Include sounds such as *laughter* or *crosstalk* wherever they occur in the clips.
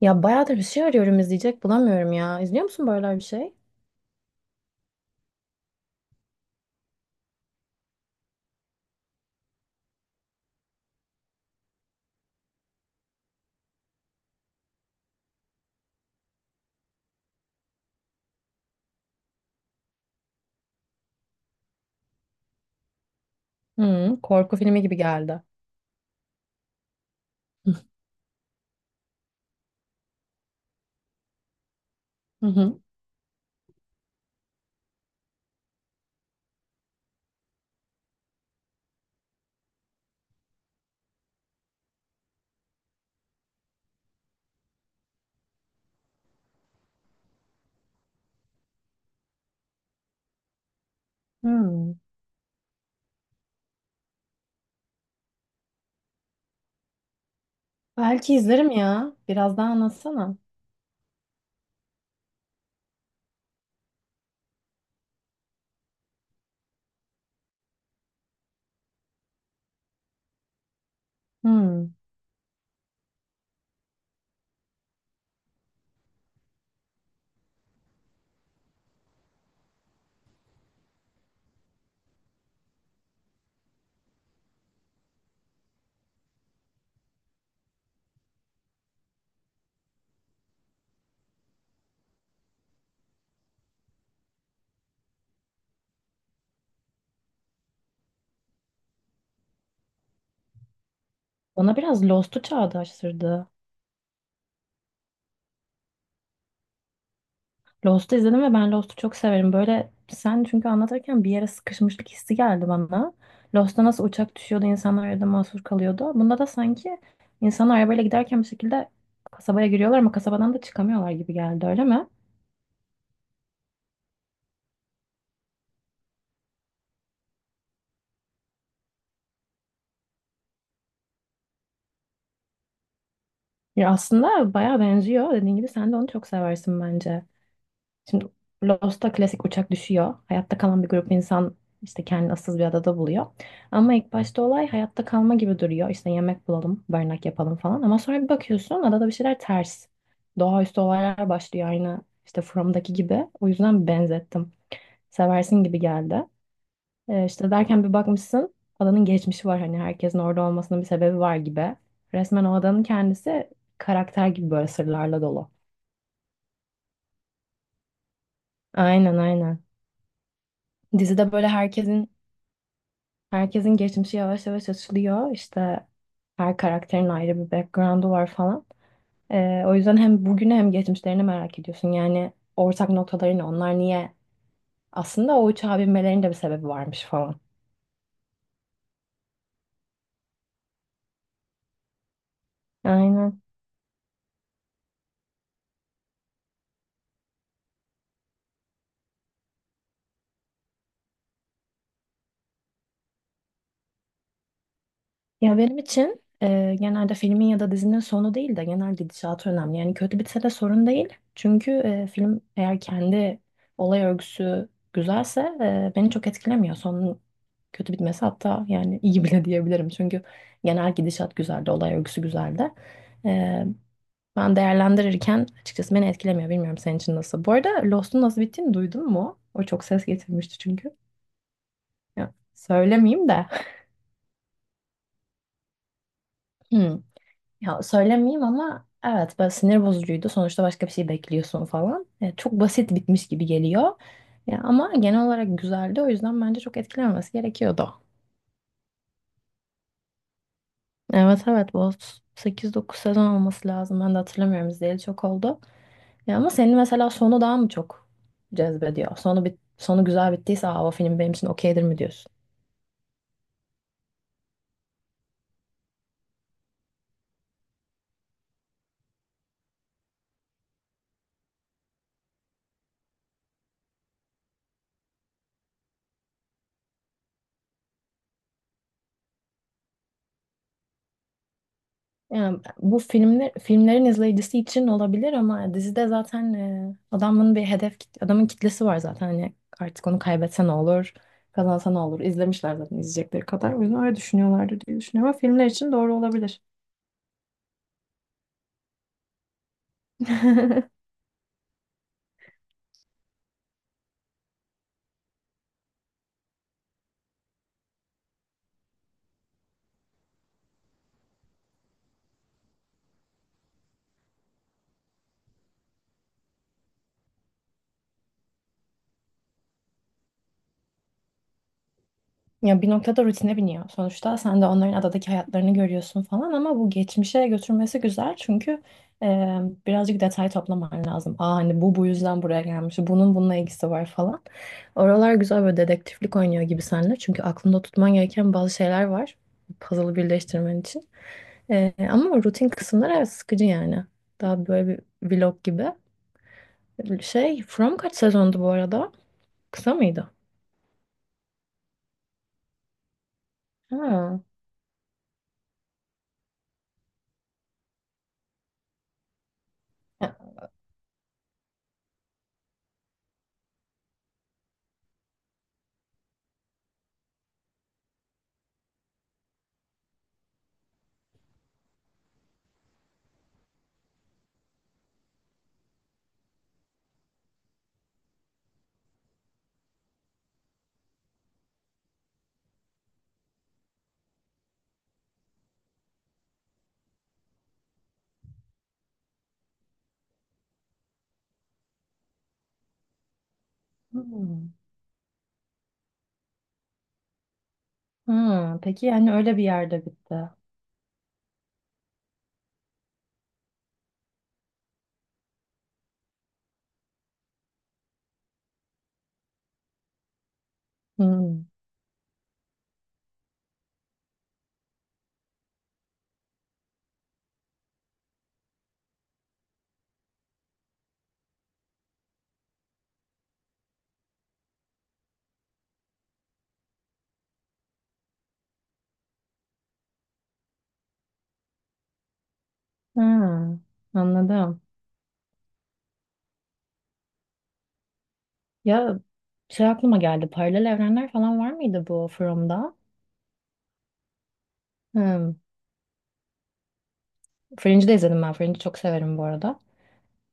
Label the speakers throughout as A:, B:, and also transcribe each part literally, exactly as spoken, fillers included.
A: Ya bayağıdır bir şey arıyorum izleyecek bulamıyorum ya. İzliyor musun böyle bir şey? Hı, korku filmi gibi geldi. Hı hı. Hmm. Belki izlerim ya. Biraz daha anlatsana. Hmm. Bana biraz Lost'u çağrıştırdı. Lost'u izledim ve ben Lost'u çok severim. Böyle sen çünkü anlatırken bir yere sıkışmışlık hissi geldi bana. Lost'ta nasıl uçak düşüyordu, insanlar arada mahsur kalıyordu. Bunda da sanki insanlar arabayla giderken bir şekilde kasabaya giriyorlar ama kasabadan da çıkamıyorlar gibi geldi, öyle mi? Ya aslında bayağı benziyor. Dediğin gibi sen de onu çok seversin bence. Şimdi Lost'ta klasik uçak düşüyor. Hayatta kalan bir grup insan işte kendini ıssız bir adada buluyor. Ama ilk başta olay hayatta kalma gibi duruyor. İşte yemek bulalım, barınak yapalım falan. Ama sonra bir bakıyorsun adada bir şeyler ters. Doğaüstü olaylar başlıyor aynı işte From'daki gibi. O yüzden benzettim. Seversin gibi geldi. Ee, işte derken bir bakmışsın adanın geçmişi var hani herkesin orada olmasının bir sebebi var gibi. Resmen o adanın kendisi karakter gibi böyle sırlarla dolu. Aynen aynen. Dizide böyle herkesin herkesin geçmişi yavaş yavaş açılıyor. İşte her karakterin ayrı bir background'u var falan. Ee, o yüzden hem bugünü hem geçmişlerini merak ediyorsun. Yani ortak noktaları ne? Onlar niye? Aslında o uçağa binmelerinin de bir sebebi varmış falan. Aynen. Ya benim için e, genelde filmin ya da dizinin sonu değil de genel gidişatı önemli. Yani kötü bitse de sorun değil. Çünkü e, film eğer kendi olay örgüsü güzelse e, beni çok etkilemiyor. Sonun kötü bitmesi hatta yani iyi bile *laughs* diyebilirim. Çünkü genel gidişat güzeldi, olay örgüsü güzeldi. E, Ben değerlendirirken açıkçası beni etkilemiyor. Bilmiyorum senin için nasıl. Bu arada Lost'un nasıl bittiğini duydun mu? O çok ses getirmişti çünkü. Ya, söylemeyeyim de. *laughs* *clears throat* Ya söylemeyeyim ama evet böyle sinir bozucuydu. Sonuçta başka bir şey bekliyorsun falan. E, çok basit bitmiş gibi geliyor. Ya, ama genel olarak güzeldi. O yüzden bence çok etkilenmesi gerekiyordu. Evet evet, bu sekiz dokuz sezon olması lazım. Ben de hatırlamıyorum, izleyeli çok oldu. Ya, ama senin mesela sonu daha mı çok cezbediyor? Sonu bit sonu güzel bittiyse Aa, o film benim için okeydir mi diyorsun? Yani bu filmler filmlerin izleyicisi için olabilir ama dizide zaten e, adamın bir hedef kit- adamın kitlesi var zaten hani artık onu kaybetse ne olur kazansa ne olur, izlemişler zaten izleyecekleri kadar, o yüzden öyle düşünüyorlardır diye düşünüyorum ama filmler için doğru olabilir. *laughs* Ya bir noktada rutine biniyor. Sonuçta sen de onların adadaki hayatlarını görüyorsun falan ama bu geçmişe götürmesi güzel çünkü e, birazcık detay toplaman lazım. Aa hani bu bu yüzden buraya gelmiş, bunun bununla ilgisi var falan. Oralar güzel, böyle dedektiflik oynuyor gibi seninle çünkü aklında tutman gereken bazı şeyler var, puzzle'ı birleştirmen için. E, ama rutin kısımlar evet sıkıcı yani. Daha böyle bir vlog gibi. Şey, From kaç sezondu bu arada? Kısa mıydı? Ha. Ya- Hmm. Hmm, peki yani öyle bir yerde bitti. Hmm. Hmm, Anladım. Ya şey aklıma geldi. Paralel evrenler falan var mıydı bu From'da? Hmm. Fringe'i de izledim ben. Fringe'i çok severim bu arada.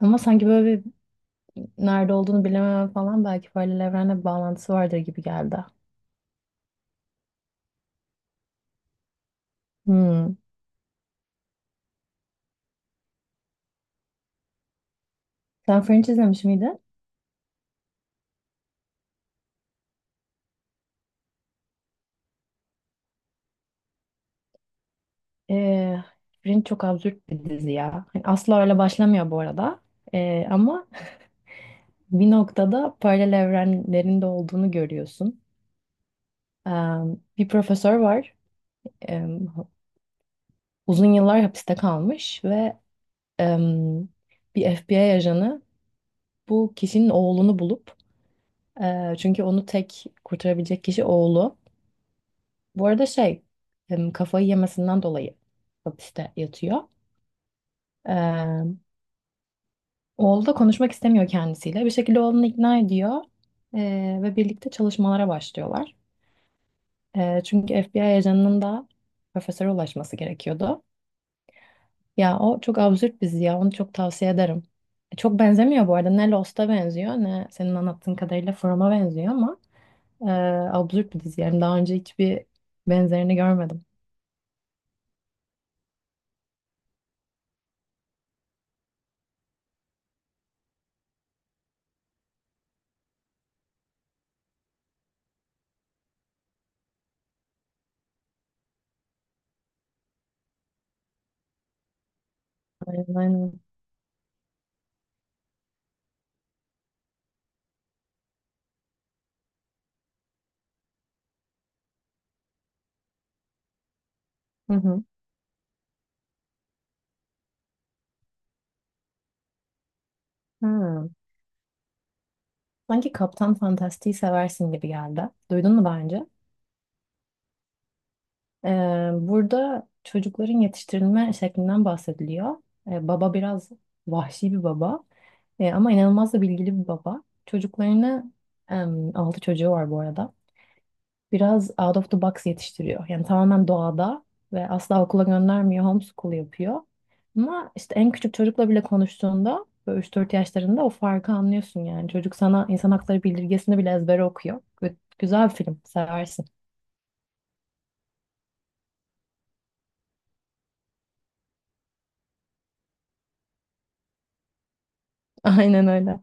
A: Ama sanki böyle bir nerede olduğunu bilemem falan, belki paralel evrenle bir bağlantısı vardır gibi geldi. Hmm. Sen Fringe izlemiş miydin? Ee, Fringe çok absürt bir dizi ya. Hani asla öyle başlamıyor bu arada. Ee, ama *laughs* bir noktada paralel evrenlerin de olduğunu görüyorsun. Em, bir profesör var. Em, Uzun yıllar hapiste kalmış ve em, bir F B I ajanı bu kişinin oğlunu bulup e, çünkü onu tek kurtarabilecek kişi oğlu. Bu arada şey em, kafayı yemesinden dolayı hapiste yatıyor. Em, Oğlu da konuşmak istemiyor kendisiyle. Bir şekilde oğlunu ikna ediyor e, ve birlikte çalışmalara başlıyorlar. E, çünkü F B I ajanının da profesöre ulaşması gerekiyordu. Ya o çok absürt dizi ya. Onu çok tavsiye ederim. E, Çok benzemiyor bu arada. Ne Lost'a benziyor ne senin anlattığın kadarıyla From'a benziyor ama e, absürt bir dizi. Yani daha önce hiçbir benzerini görmedim. Aynen, aynen. Hı hı. Ha. Sanki Kaptan Fantastik'i seversin gibi geldi. Duydun mu daha önce? E, Burada çocukların yetiştirilme şeklinden bahsediliyor. E, baba biraz vahşi bir baba E, ama inanılmaz da bilgili bir baba. Çocuklarını, em, altı çocuğu var bu arada, biraz out of the box yetiştiriyor. Yani tamamen doğada ve asla okula göndermiyor, homeschool yapıyor. Ama işte en küçük çocukla bile konuştuğunda böyle üç dört yaşlarında o farkı anlıyorsun yani. Çocuk sana insan hakları bildirgesini bile ezbere okuyor. Gü- Güzel bir film, seversin. *laughs* Aynen öyle.